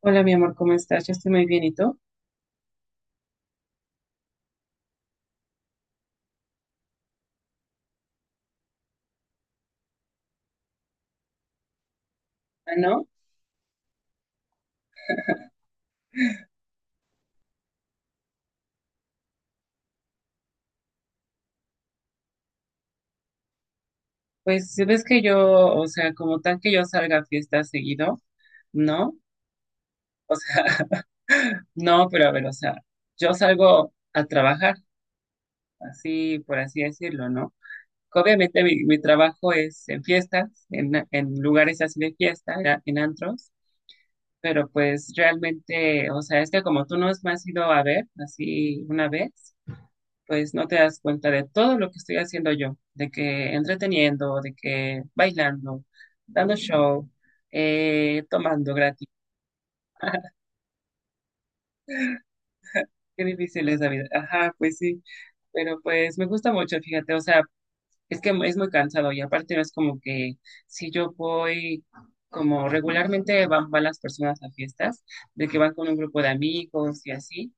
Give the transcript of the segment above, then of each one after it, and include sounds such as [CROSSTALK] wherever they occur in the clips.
Hola, mi amor, ¿cómo estás? Yo estoy muy bien, ¿y tú? Ah, no, pues si ves que yo, o sea, como tal que yo salga a fiestas seguido, no, no, pero a ver, o sea, yo salgo a trabajar, así, por así decirlo, ¿no? Obviamente mi trabajo es en fiestas, en lugares así de fiesta, en antros, pero pues realmente, o sea, es que como tú nos me has ido a ver, así una vez, pues no te das cuenta de todo lo que estoy haciendo yo, de que entreteniendo, de que bailando, dando show, tomando gratis. [LAUGHS] Qué difícil es la vida. Ajá, pues sí, pero pues me gusta mucho, fíjate, o sea, es que es muy cansado y aparte no es como que si yo voy, como regularmente van las personas a fiestas, de que van con un grupo de amigos y así,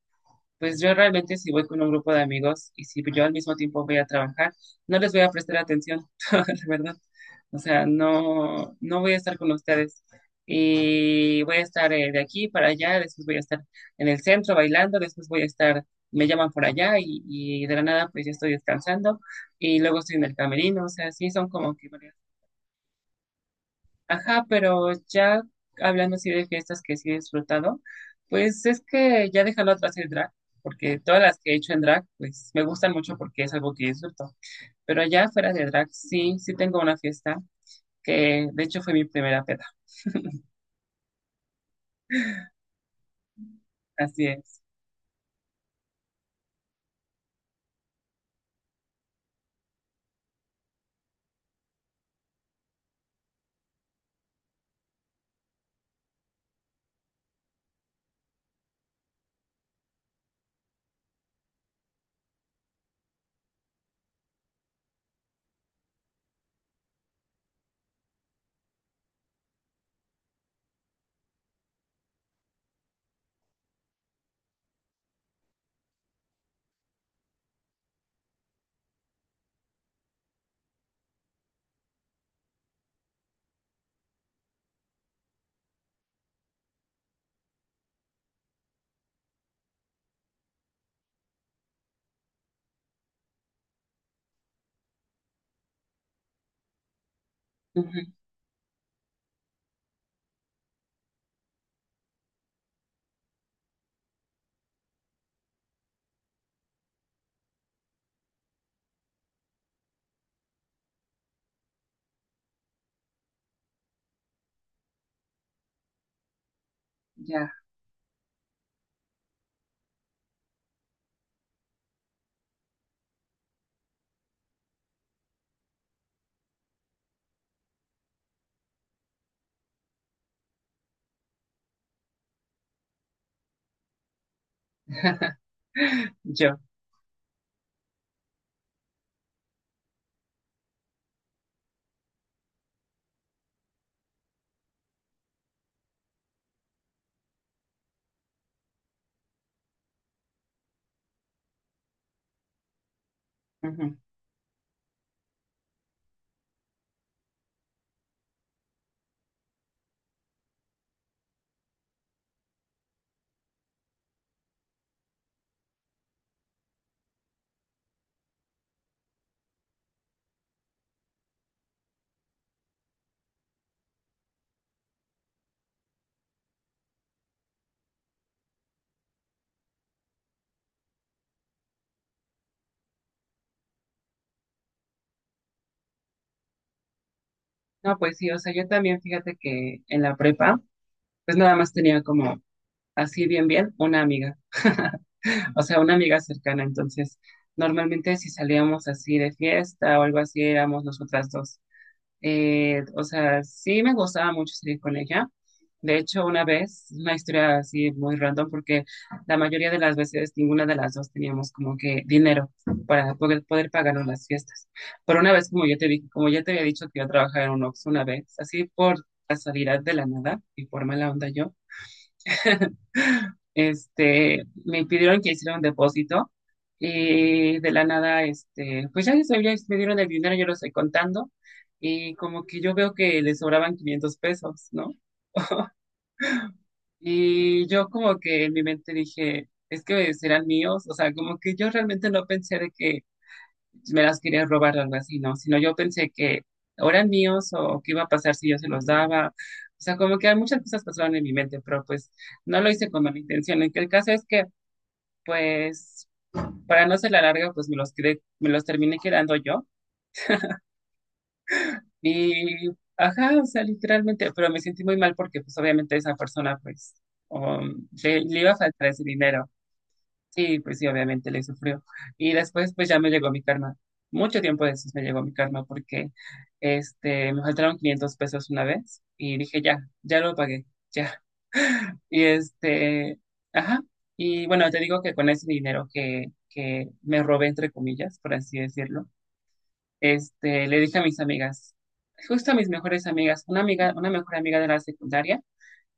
pues yo realmente si voy con un grupo de amigos y si yo al mismo tiempo voy a trabajar, no les voy a prestar atención, [LAUGHS] la verdad. O sea, no, no voy a estar con ustedes. Y voy a estar de aquí para allá, después voy a estar en el centro bailando, después voy a estar, me llaman por allá y de la nada pues ya estoy descansando y luego estoy en el camerino. O sea, sí son como que varias. Ajá, pero ya hablando así de fiestas que sí he disfrutado, pues es que ya déjalo atrás el drag, porque todas las que he hecho en drag, pues me gustan mucho porque es algo que disfruto. Pero allá fuera de drag, sí, sí tengo una fiesta que de hecho fue mi primera peda. Así es. Ujú, ya, yo. Ujú. No, pues sí, o sea, yo también fíjate que en la prepa, pues nada más tenía como así bien, bien, una amiga. O sea, una amiga cercana. Entonces, normalmente si salíamos así de fiesta o algo así, éramos nosotras dos. O sea, sí me gustaba mucho salir con ella. De hecho, una vez, una historia así muy random, porque la mayoría de las veces ninguna de las dos teníamos como que dinero para poder pagarnos las fiestas. Pero una vez, como yo te dije, como ya te había dicho que yo trabajaba en un Oxxo una vez, así por casualidad de la nada y por mala onda yo, este, me pidieron que hiciera un depósito y de la nada, este, pues ya, ya me dieron el dinero, yo lo estoy contando. Y como que yo veo que le sobraban 500 pesos, ¿no? Y yo como que en mi mente dije, es que serán míos. O sea, como que yo realmente no pensé de que me las quería robar o algo así, ¿no? Sino yo pensé que o eran míos o qué iba a pasar si yo se los daba. O sea, como que muchas cosas pasaron en mi mente, pero pues no lo hice con mala intención. En que el caso es que, pues, para no ser la larga, pues me los quedé, me los terminé quedando yo. Y, ajá, o sea, literalmente, pero me sentí muy mal porque pues obviamente esa persona pues le iba a faltar ese dinero. Sí, pues sí, obviamente le sufrió. Y después pues ya me llegó mi karma. Mucho tiempo después me llegó mi karma porque este, me faltaron 500 pesos una vez y dije ya, ya lo pagué, ya. Y este, ajá. Y bueno, te digo que con ese dinero que me robé, entre comillas, por así decirlo, este, le dije a mis amigas, justo a mis mejores amigas, una amiga, una mejor amiga de la secundaria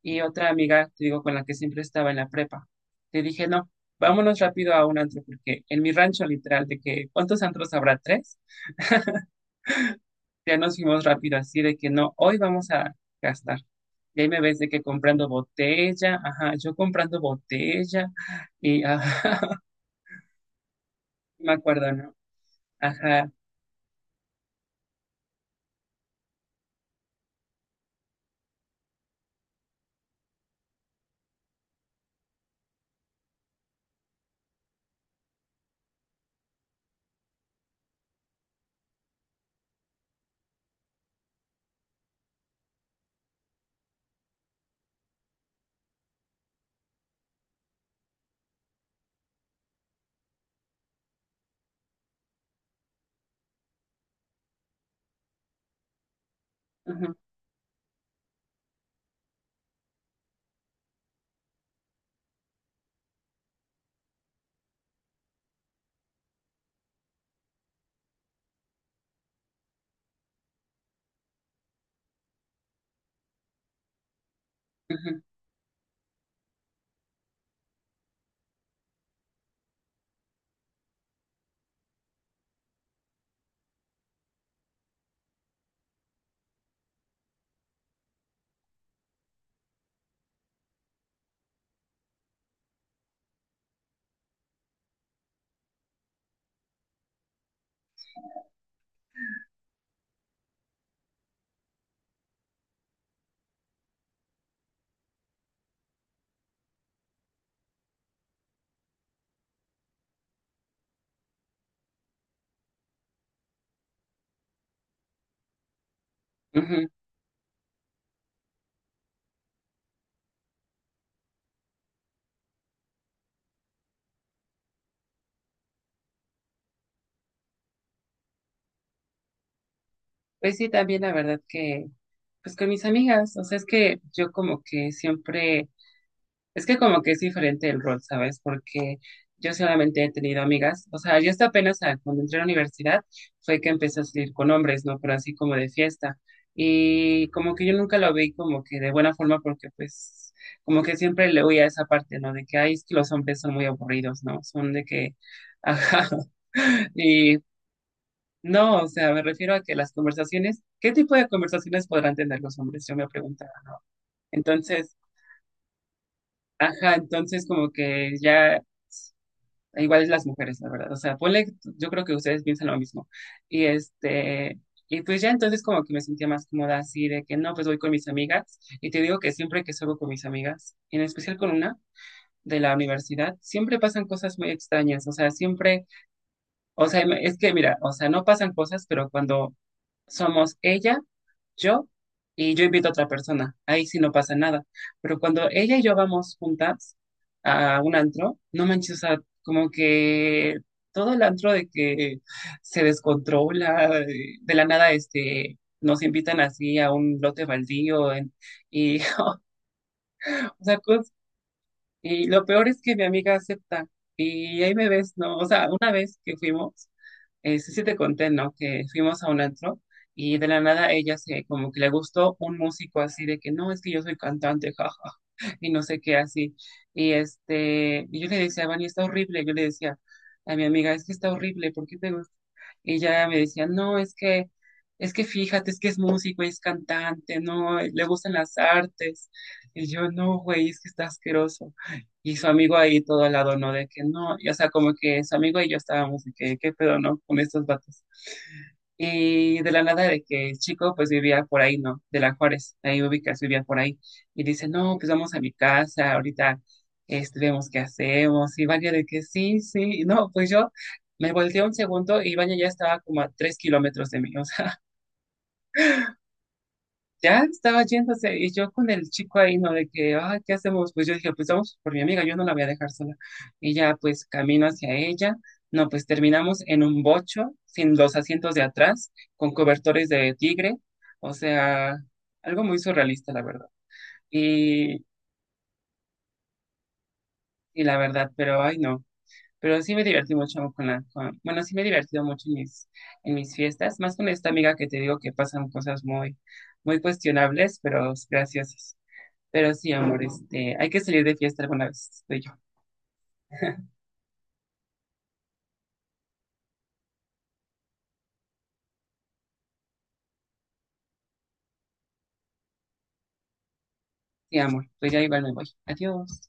y otra amiga, te digo, con la que siempre estaba en la prepa. Le dije, no, vámonos rápido a un antro, porque en mi rancho literal, de que, ¿cuántos antros habrá? Tres. Ya nos fuimos rápido, así de que no, hoy vamos a gastar. Y ahí me ves de que comprando botella, ajá, yo comprando botella, y ajá, [LAUGHS] me acuerdo, ¿no? Ajá, ujú, ujú, ujú. Pues sí, también la verdad que, pues con mis amigas, o sea, es que yo como que siempre, es que como que es diferente el rol, ¿sabes? Porque yo solamente he tenido amigas, o sea, yo hasta apenas cuando entré a la universidad fue que empecé a salir con hombres, ¿no? Pero así como de fiesta. Y como que yo nunca lo vi como que de buena forma porque pues como que siempre le oía esa parte, ¿no? De que, ay, es que los hombres son muy aburridos, ¿no? Son de que, [LAUGHS] ajá. Y no, o sea, me refiero a que las conversaciones, ¿qué tipo de conversaciones podrán tener los hombres? Yo me preguntaba. Entonces, ajá, entonces como que ya, igual es las mujeres, la verdad. O sea, ponle, yo creo que ustedes piensan lo mismo. Y este, y pues ya entonces como que me sentía más cómoda así de que no, pues voy con mis amigas. Y te digo que siempre que salgo con mis amigas, en especial con una de la universidad, siempre pasan cosas muy extrañas. O sea, siempre, o sea, es que mira, o sea, no pasan cosas, pero cuando somos ella, yo y yo invito a otra persona. Ahí sí no pasa nada. Pero cuando ella y yo vamos juntas a un antro, no manches, o sea, como que todo el antro de que se descontrola, de la nada, este, nos invitan así a un lote baldío y, [LAUGHS] o sea, y lo peor es que mi amiga acepta. Y ahí me ves, ¿no? O sea, una vez que fuimos, sí, sí te conté, ¿no? Que fuimos a un antro y de la nada ella se, como que le gustó un músico así de que no, es que yo soy cantante, jaja, [LAUGHS] y no sé qué así. Y este, y yo le decía, Vani, está horrible. Yo le decía a mi amiga, es que está horrible, ¿por qué te, y ella me decía, no, es que fíjate, es que es músico es cantante, no, le gustan las artes. Y yo, no, güey, es que está asqueroso. Y su amigo ahí todo al lado, ¿no? De que no, y, o sea, como que su amigo y yo estábamos de que, qué pedo, ¿no? Con estos vatos. Y de la nada de que el chico pues vivía por ahí, ¿no? De la Juárez, ahí ubicas, vivía por ahí. Y dice, no, pues vamos a mi casa, ahorita este, vemos qué hacemos. Y Vania de que sí, sí, y no, pues yo me volteé un segundo y Ibañez ya estaba como a 3 kilómetros de mí, o sea, [LAUGHS] ya estaba yéndose y yo con el chico ahí, ¿no? De que, ah, ¿qué hacemos? Pues yo dije, pues vamos por mi amiga, yo no la voy a dejar sola. Y ya pues camino hacia ella, no, pues terminamos en un bocho, sin los asientos de atrás, con cobertores de tigre, o sea, algo muy surrealista, la verdad. Y, y la verdad, pero ay, no. Pero sí me divertí mucho con la, con- bueno, sí me he divertido mucho en mis fiestas, más con esta amiga que te digo que pasan cosas muy, muy cuestionables, pero graciosas. Pero sí, amor, este, hay que salir de fiesta alguna vez, tú y yo. Sí, amor, pues ya igual me voy. Adiós.